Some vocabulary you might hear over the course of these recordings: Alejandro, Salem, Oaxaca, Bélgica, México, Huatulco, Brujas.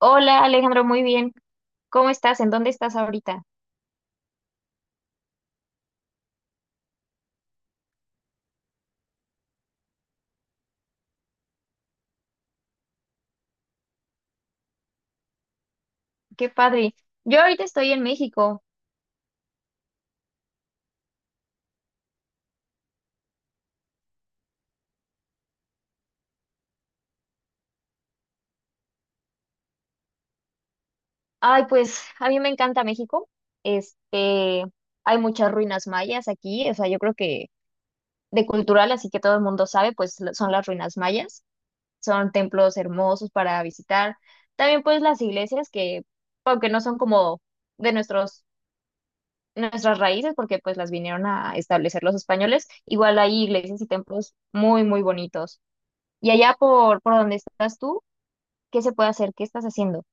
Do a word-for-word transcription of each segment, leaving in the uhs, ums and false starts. Hola Alejandro, muy bien. ¿Cómo estás? ¿En dónde estás ahorita? Qué padre. Yo ahorita estoy en México. Ay, pues a mí me encanta México. Este, Hay muchas ruinas mayas aquí, o sea, yo creo que de cultural, así que todo el mundo sabe, pues lo- son las ruinas mayas. Son templos hermosos para visitar. También pues las iglesias que, aunque no son como de nuestros nuestras raíces, porque pues las vinieron a establecer los españoles, igual hay iglesias y templos muy, muy bonitos. Y allá por, por donde estás tú, ¿qué se puede hacer? ¿Qué estás haciendo?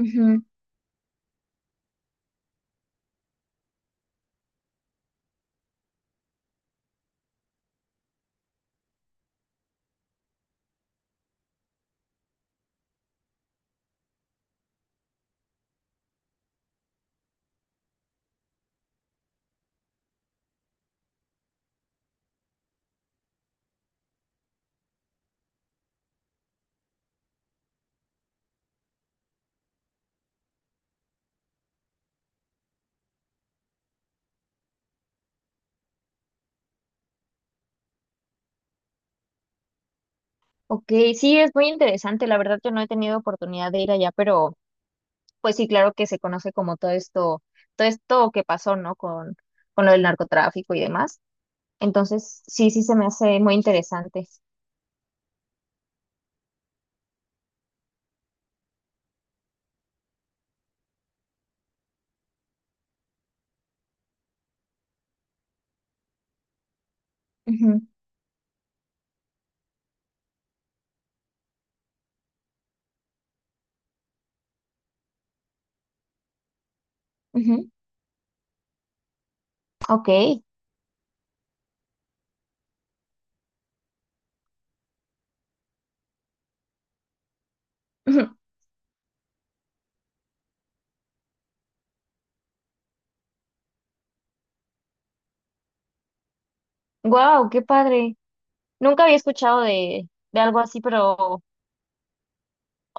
Ujú. Ok, sí, es muy interesante. La verdad, yo no he tenido oportunidad de ir allá, pero pues sí, claro que se conoce como todo esto, todo esto que pasó, ¿no? Con, con lo del narcotráfico y demás. Entonces, sí, sí se me hace muy interesante. Ujú, ujú. Ok. Wow, qué padre. Nunca había escuchado de, de algo así, pero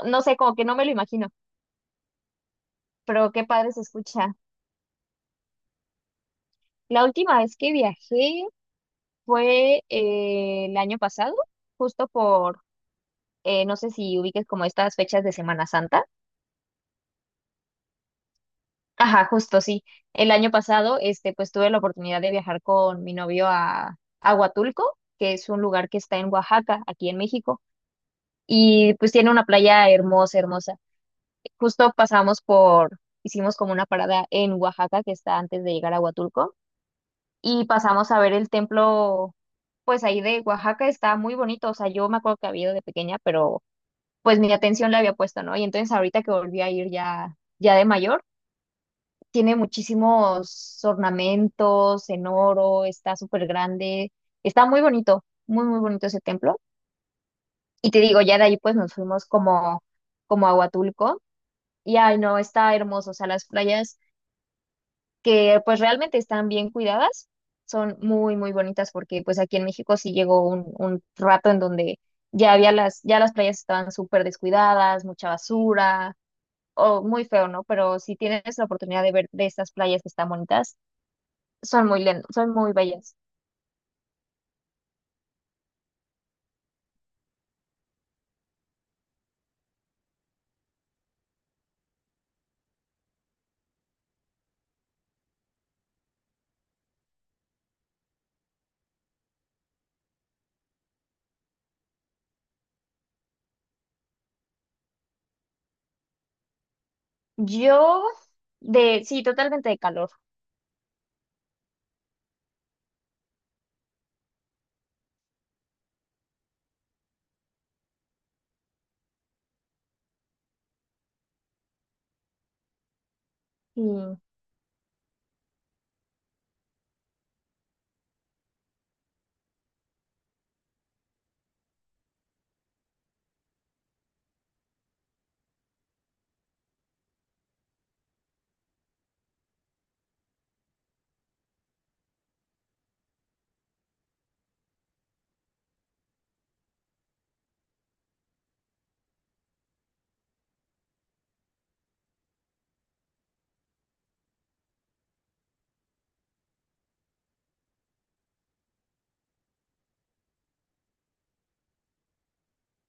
no sé, como que no me lo imagino. Pero qué padre se escucha. La última vez que viajé. Fue eh, el año pasado, justo por, eh, no sé si ubiques como estas fechas de Semana Santa. Ajá, justo sí. El año pasado, este, pues tuve la oportunidad de viajar con mi novio a a Huatulco, que es un lugar que está en Oaxaca, aquí en México, y pues tiene una playa hermosa, hermosa. Justo pasamos por, hicimos como una parada en Oaxaca, que está antes de llegar a Huatulco, y pasamos a ver el templo, pues ahí de Oaxaca, está muy bonito. O sea, yo me acuerdo que había ido de pequeña, pero pues mi atención la había puesto, ¿no? Y entonces ahorita que volví a ir ya, ya de mayor, tiene muchísimos ornamentos en oro, está súper grande, está muy bonito, muy, muy bonito ese templo. Y te digo, ya de ahí pues nos fuimos como, como a Huatulco y ay no, está hermoso, o sea, las playas que pues realmente están bien cuidadas. Son muy, muy bonitas porque pues aquí en México sí llegó un, un rato en donde ya había las, ya las playas estaban súper descuidadas, mucha basura, o muy feo, ¿no? Pero si tienes la oportunidad de ver de estas playas que están bonitas, son muy lindas, son muy bellas. Yo, de, sí, totalmente de calor. Y,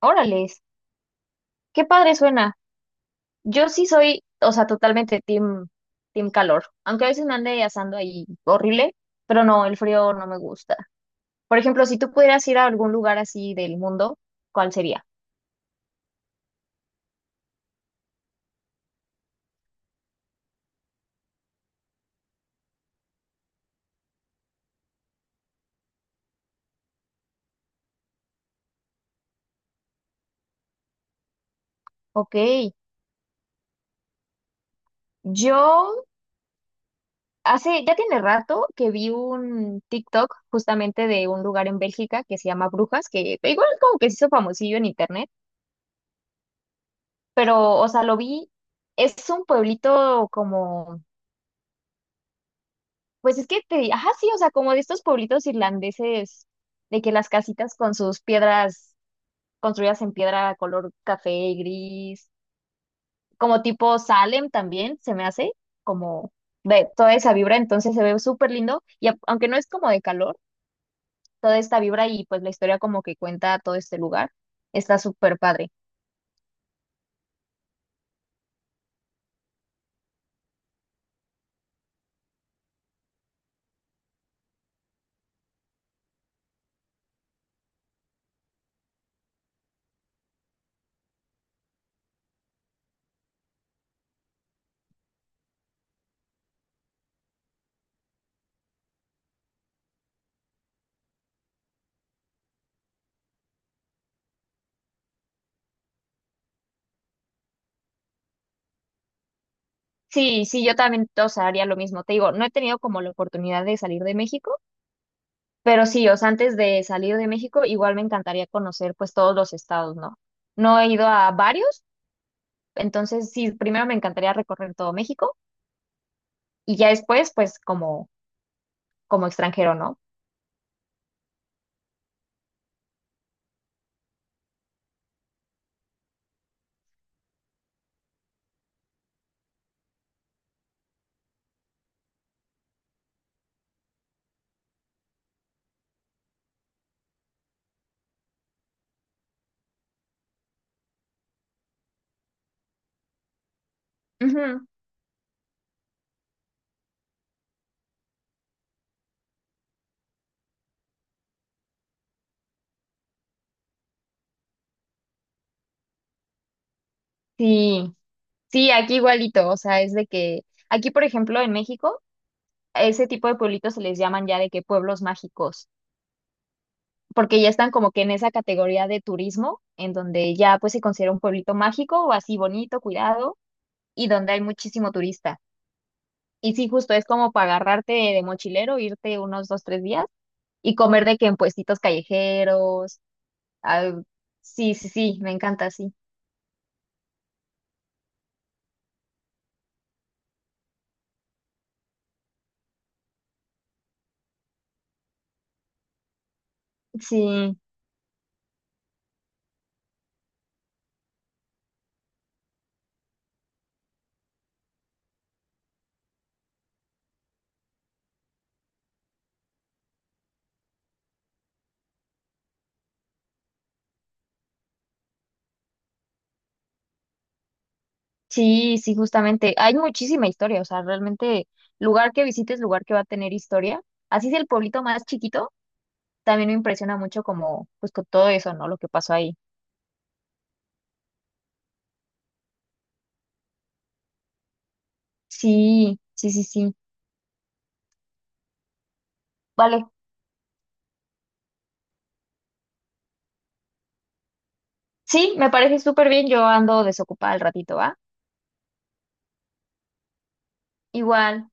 órales, qué padre suena. Yo sí soy, o sea, totalmente team, team calor. Aunque a veces me ande asando ahí horrible, pero no, el frío no me gusta. Por ejemplo, si tú pudieras ir a algún lugar así del mundo, ¿cuál sería? Ok, yo hace, ya tiene rato que vi un TikTok justamente de un lugar en Bélgica que se llama Brujas, que igual como que se hizo famosillo en internet, pero, o sea, lo vi, es un pueblito como, pues es que te, ajá, sí, o sea, como de estos pueblitos irlandeses, de que las casitas con sus piedras construidas en piedra color café y gris, como tipo Salem también, se me hace, como de toda esa vibra, entonces se ve súper lindo, y a- aunque no es como de calor. Toda esta vibra y pues la historia como que cuenta todo este lugar. Está súper padre. Sí, sí, yo también, o sea, haría lo mismo. Te digo, no he tenido como la oportunidad de salir de México, pero sí, o sea, antes de salir de México, igual me encantaría conocer pues todos los estados, ¿no? No he ido a varios, entonces sí, primero me encantaría recorrer todo México y ya después pues como, como extranjero, ¿no? Ujú. Sí, sí, aquí igualito, o sea, es de que aquí, por ejemplo, en México, a ese tipo de pueblitos se les llaman ya de que pueblos mágicos. Porque ya están como que en esa categoría de turismo, en donde ya pues se considera un pueblito mágico o así bonito, cuidado, y donde hay muchísimo turista. Y sí, justo es como para agarrarte de mochilero, irte unos dos, tres días y comer de que en puestitos callejeros. al- sí, sí, sí, me encanta, sí. Sí, sí, sí, justamente. Hay muchísima historia, o sea, realmente lugar que visites, lugar que va a tener historia. Así es el pueblito más chiquito, también me impresiona mucho como pues con todo eso, ¿no? Lo que pasó ahí. Sí, sí, sí, sí. Vale. Sí, me parece súper bien. Yo ando desocupada al ratito, ¿va? Igual,